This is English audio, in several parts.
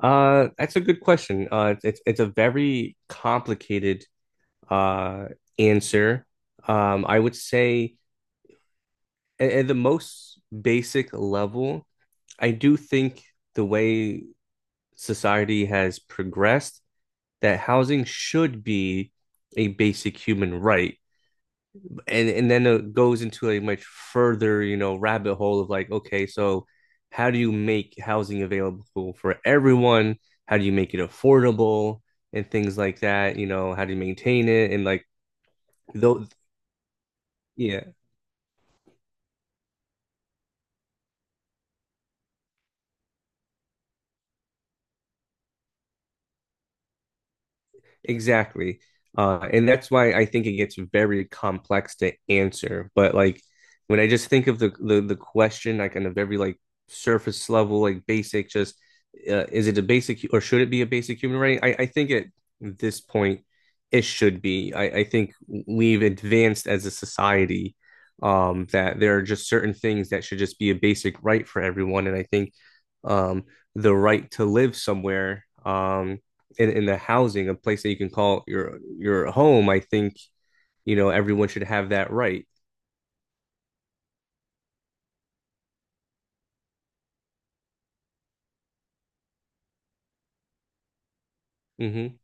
That's a good question. It's a very complicated uh answer. I would say at the most basic level, I do think the way society has progressed, that housing should be a basic human right. And then it goes into a much further, rabbit hole of like, okay, so how do you make housing available for everyone, how do you make it affordable and things like that, how do you maintain it, and like though, yeah. Exactly. And that's why I think it gets very complex to answer. But like, when I just think of the question, like on a very like surface level, like basic, just is it a basic or should it be a basic human right? I think at this point it should be. I think we've advanced as a society, that there are just certain things that should just be a basic right for everyone. And I think, um, the right to live somewhere, in a housing, a place that you can call your home, I think, you know, everyone should have that right. Mm-hmm.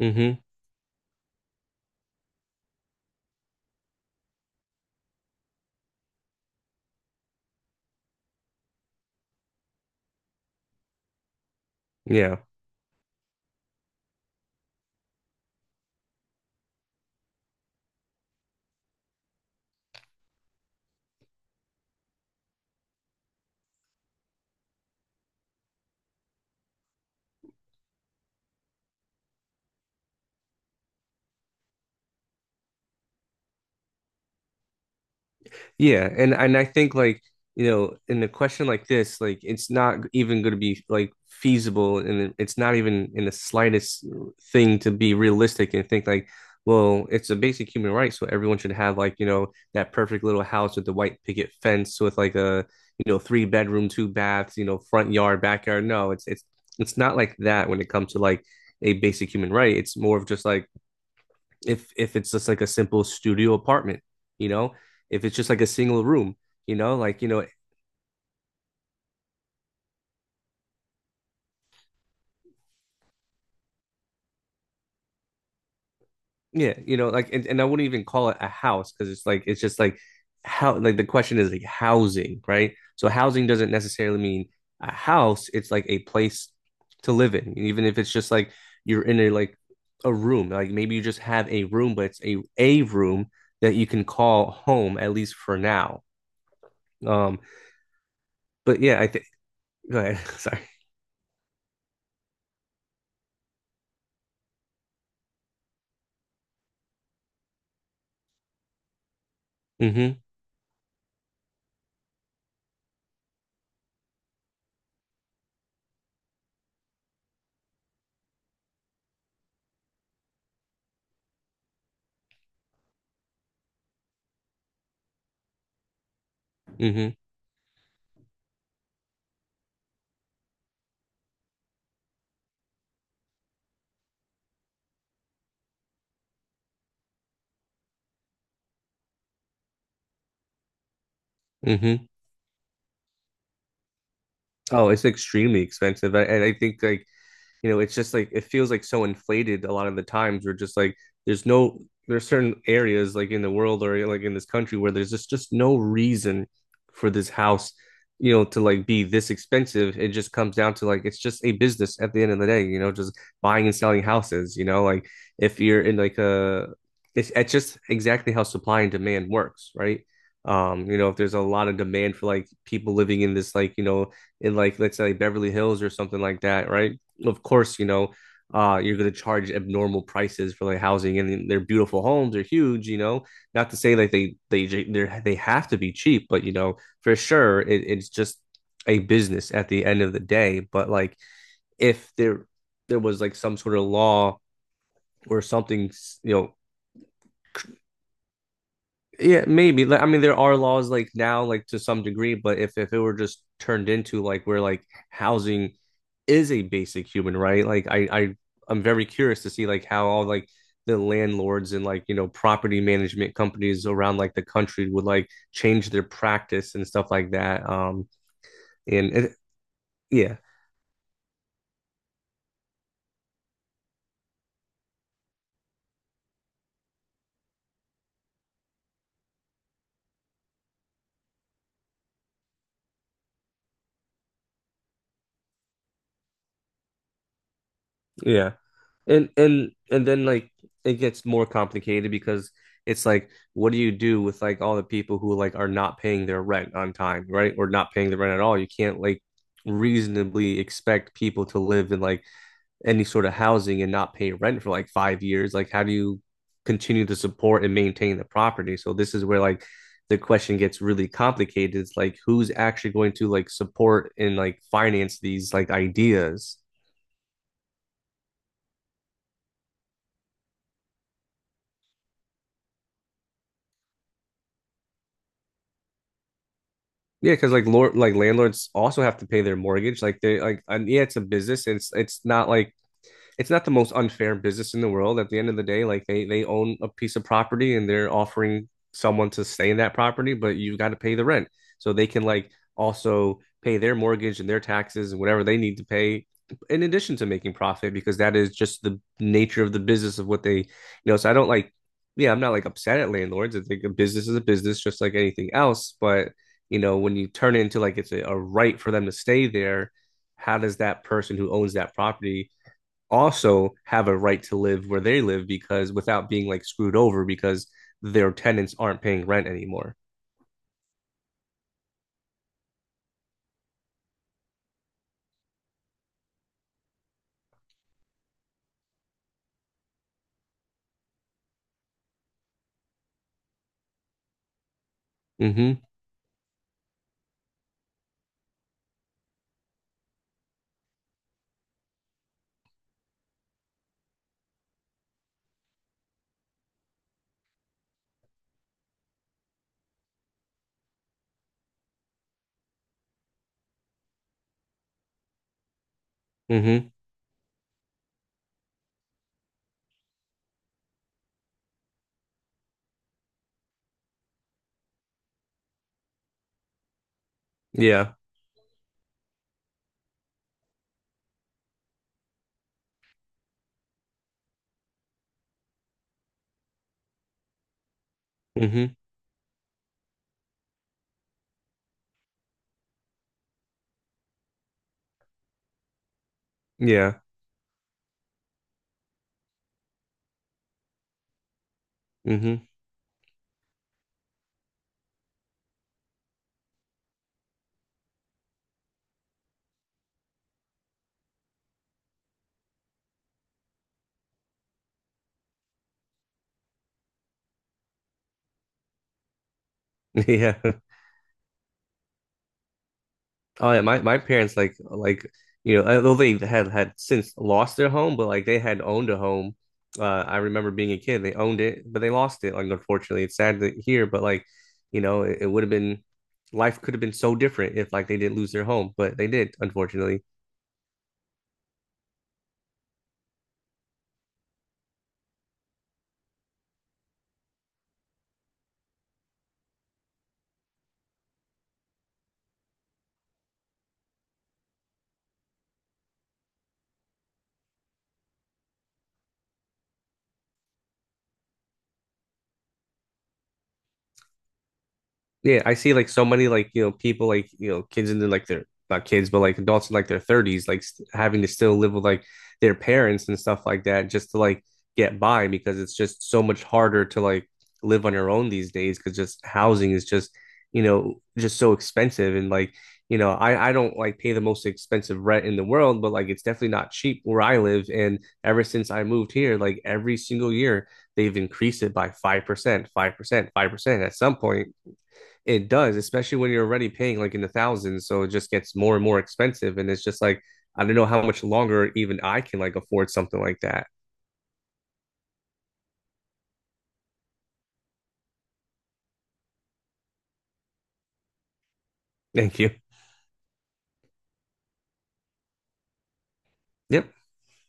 Mm-hmm. Yeah. Yeah, and I think like, you know, in a question like this, like it's not even going to be like feasible, and it's not even in the slightest thing to be realistic and think like, well, it's a basic human right, so everyone should have like, you know, that perfect little house with the white picket fence with like a, you know, three bedroom, two baths, you know, front yard, backyard. No, it's it's not like that when it comes to like a basic human right. It's more of just like, if it's just like a simple studio apartment, you know, if it's just like a single room, you know, like you know, yeah, you know, like and I wouldn't even call it a house because it's like it's just like how, like the question is like housing, right? So housing doesn't necessarily mean a house, it's like a place to live in, even if it's just like you're in a like a room, like maybe you just have a room, but it's a room that you can call home at least for now. Um, but yeah, I think, go ahead. Sorry. Mm-hmm. Mm-hmm. Mm-hmm. Oh, it's extremely expensive. And I think like, you know, it's just like it feels like so inflated a lot of the times. We're just like, there's no, there's certain areas like in the world or like in this country where there's just no reason for this house, you know, to like be this expensive. It just comes down to like it's just a business at the end of the day, you know, just buying and selling houses. You know, like if you're in like a, it's just exactly how supply and demand works, right? You know, if there's a lot of demand for like people living in this, like, you know, in like let's say Beverly Hills or something like that, right, of course, you know, you're going to charge abnormal prices for like housing, and their beautiful homes are huge, you know, not to say like they have to be cheap, but you know, for sure it's just a business at the end of the day. But like if there, there was like some sort of law or something, you know, yeah, maybe. Like, I mean, there are laws like now, like to some degree, but if it were just turned into like where like housing is a basic human right, like I I'm very curious to see like how all like the landlords and like, you know, property management companies around like the country would like change their practice and stuff like that. And it, yeah, yeah. And then like it gets more complicated because it's like, what do you do with like all the people who like are not paying their rent on time, right? Or not paying the rent at all. You can't like reasonably expect people to live in like any sort of housing and not pay rent for like 5 years. Like how do you continue to support and maintain the property? So this is where like the question gets really complicated. It's like, who's actually going to like support and like finance these like ideas? Yeah, because like lord like landlords also have to pay their mortgage. Like they like, and yeah, it's a business. And it's not like it's not the most unfair business in the world. At the end of the day, like they own a piece of property and they're offering someone to stay in that property, but you got to pay the rent. So they can like also pay their mortgage and their taxes and whatever they need to pay in addition to making profit, because that is just the nature of the business of what they, you know, so I don't like, yeah, I'm not like upset at landlords. I think a business is a business just like anything else, but you know, when you turn it into like it's a right for them to stay there, how does that person who owns that property also have a right to live where they live, because without being like screwed over because their tenants aren't paying rent anymore. Mm-hmm. Mm-hmm. Yeah. Mm-hmm. Yeah. Mm-hmm. Yeah. Oh yeah. My parents like, you know, although they had since lost their home, but like they had owned a home. I remember being a kid. They owned it, but they lost it. Like, unfortunately, it's sad to hear, but like, you know, it would have been, life could have been so different if like they didn't lose their home, but they did, unfortunately. Yeah, I see like so many like, you know, people like, you know, kids in their like their not kids but like adults in like their 30s like st having to still live with like their parents and stuff like that just to like get by, because it's just so much harder to like live on your own these days, because just housing is just, you know, just so expensive, and like, you know, I don't like pay the most expensive rent in the world, but like it's definitely not cheap where I live. And ever since I moved here, like every single year they've increased it by 5%, 5%, 5%. At some point it does, especially when you're already paying like in the thousands, so it just gets more and more expensive, and it's just like, I don't know how much longer even I can like afford something like that. Thank you. Yep.